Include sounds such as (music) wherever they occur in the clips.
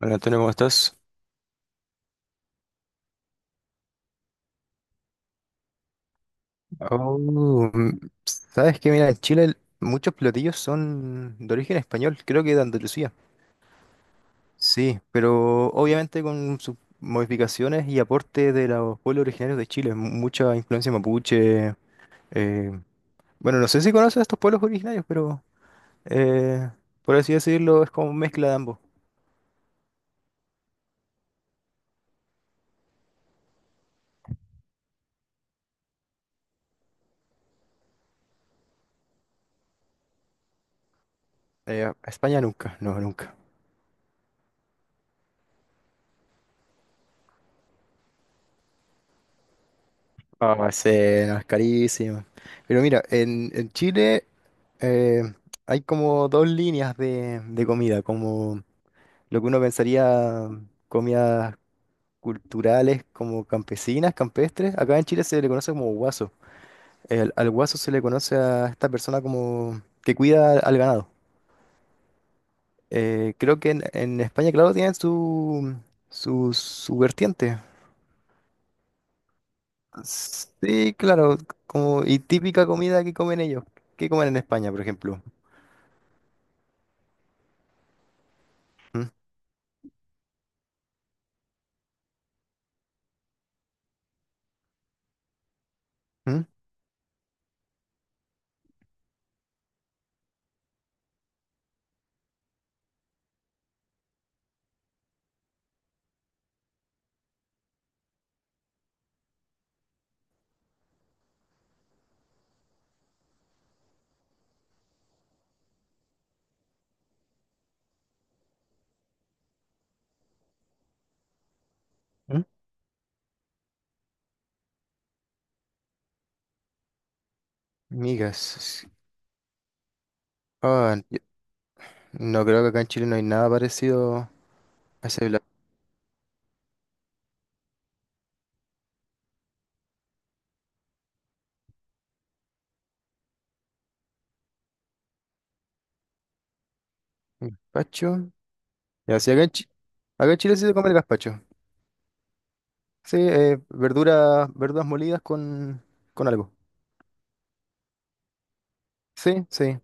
Hola Antonio, ¿cómo estás? Oh, mm, sabes que mira, en Chile muchos platillos son de origen español, creo que de Andalucía. Sí, pero obviamente con sus modificaciones y aporte de los pueblos originarios de Chile, mucha influencia mapuche. eh, bueno, no sé si conoces a estos pueblos originarios, pero eh, por así decirlo, es como mezcla de ambos. A España nunca, no, nunca. Ah, sí, no, es carísimo. Pero mira, en Chile eh, hay como dos líneas de comida, como lo que uno pensaría comidas culturales como campesinas, campestres. Acá en Chile se le conoce como guaso. Al guaso se le conoce a esta persona como que cuida al ganado. Creo que en España, claro, tienen su vertiente. Sí, claro, como y típica comida que comen ellos. ¿Qué comen en España, por ejemplo? ¿Mm? ¿Mm? ¿Mm? Migas. Ah, no creo que acá en Chile no hay nada parecido a ese plato. Gazpacho. Ya, sí, acá en Chile sí se come el gazpacho. Sí, verduras, verduras molidas con algo. Sí, sí.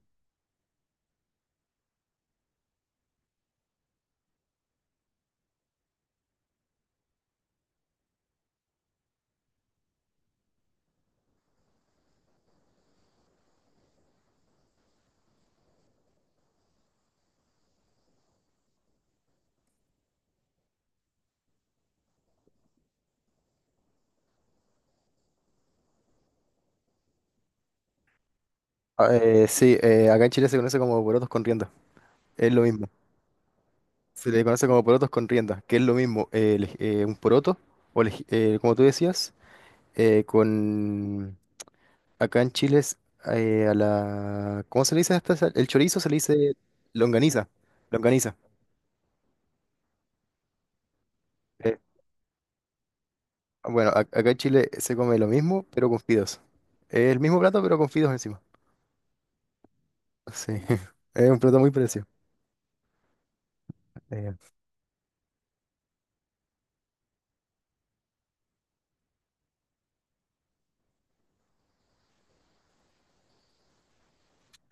Ah, sí, acá en Chile se conoce como porotos con rienda. Es lo mismo. Se le conoce como porotos con rienda, que es lo mismo. Un poroto, o como tú decías. Con acá en Chile es, a la ¿cómo se le dice a esta El chorizo se le dice longaniza, longaniza. Eh, Acá en Chile se come lo mismo, pero con fideos. El mismo plato, pero con fideos encima. Sí, (laughs) es un plato muy parecido. Eh,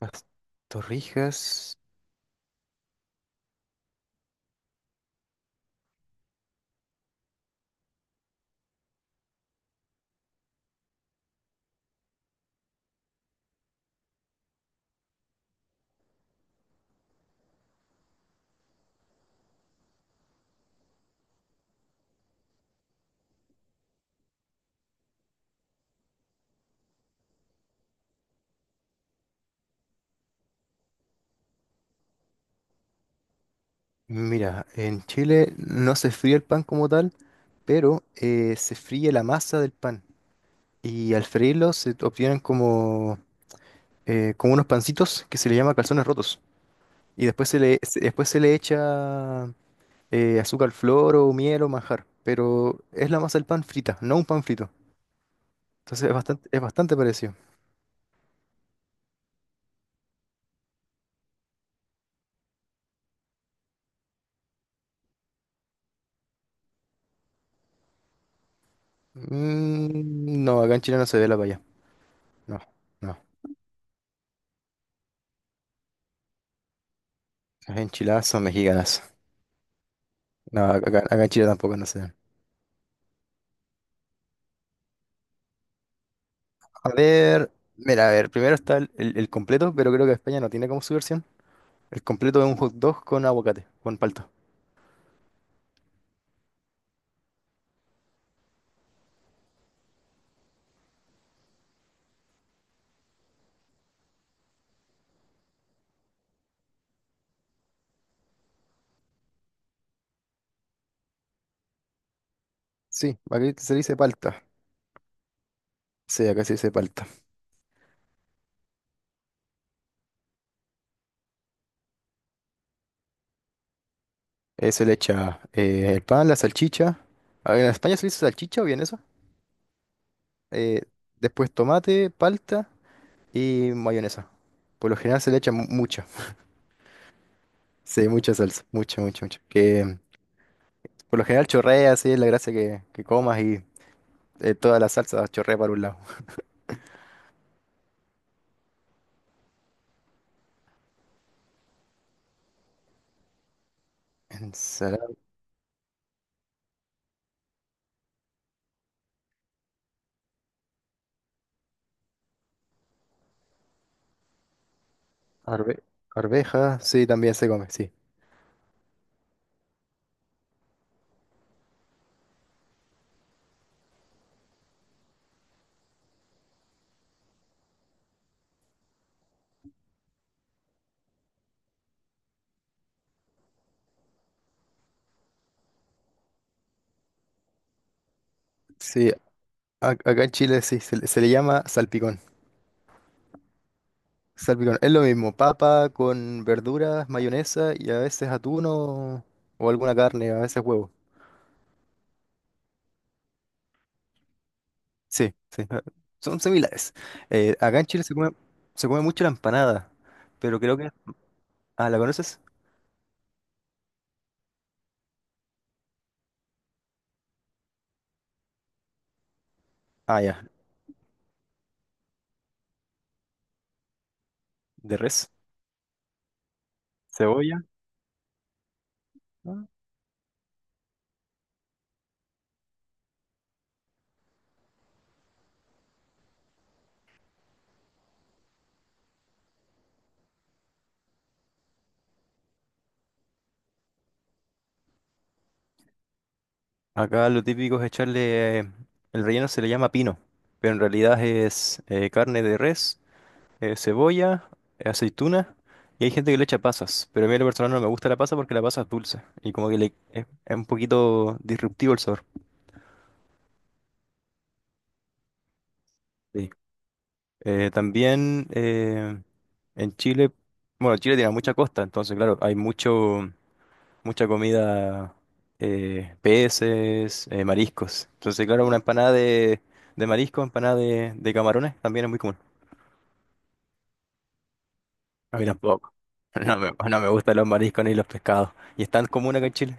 las torrijas, mira, en Chile no se fríe el pan como tal, pero se fríe la masa del pan y al freírlo se obtienen como como unos pancitos que se le llama calzones rotos. Y después después se le echa azúcar al flor o miel o manjar. Pero es la masa del pan frita, no un pan frito. Entonces es bastante parecido. Mm, no, acá en Chile no se ve la paya. No, no. Las enchiladas son mexicanas. No, acá en Chile tampoco no se ven. A ver, mira, a ver, primero está el completo, pero creo que España no tiene como su versión. El completo es un hot dog con aguacate, con palta. Sí, aquí se dice palta. Sí, acá se dice palta. Se le echa el pan, la salchicha. A ver, ¿en España se le dice salchicha o vienesa? Eh, Después tomate, palta y mayonesa. Por lo general se le echa mucha. Sí, mucha salsa. Mucha, mucha, mucha. Que por lo general chorrea, sí, es la gracia que comas y toda la salsa chorrea para un lado. (laughs) Ensalada, arve- arveja, sí, también se come, sí. Sí, acá en Chile sí, se le llama salpicón. Salpicón, es lo mismo, papa con verduras, mayonesa y a veces atún o alguna carne, a veces huevo. Sí, sí, son similares. Acá en Chile se come mucho la empanada, pero creo que... Ah, ¿la conoces? Ah, ya, de res, cebolla. ¿No? Acá lo típico es echarle... El relleno se le llama pino, pero en realidad es carne de res. Cebolla, aceituna, y hay gente que le echa pasas, pero a mí en lo personal no me gusta la pasa porque la pasa es dulce y como que es un poquito disruptivo el sabor. Sí. También En Chile, bueno, Chile tiene mucha costa, entonces claro, hay mucho, mucha comida, peces, mariscos. Entonces claro, una empanada de marisco, empanada de camarones también es muy común. A mí tampoco. (laughs) No me, no me gustan los mariscos ni los pescados. Y es tan común acá en Chile.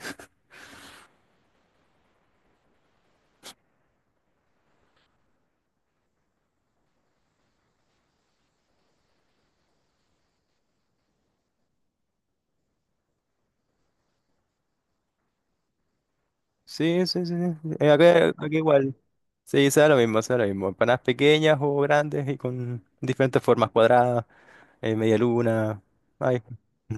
Sí, sí, sí. Sí. Acá igual. Sí, sea lo mismo, sea lo mismo. Empanadas pequeñas o grandes y con diferentes formas cuadradas, media luna. Ay, mm,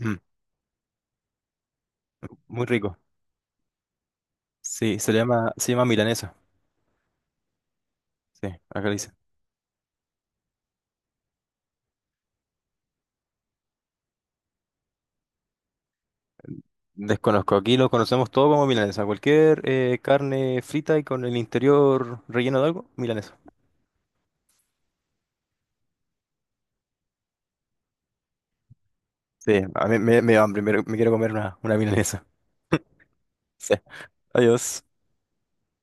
mm, muy rico. Sí, se llama milanesa. Sí, acá le dicen. Desconozco. Aquí lo conocemos todo como milanesa. Cualquier carne frita y con el interior relleno de algo, milanesa. Sí, a mí me da hambre, me quiero comer una milanesa. Sí. Adiós.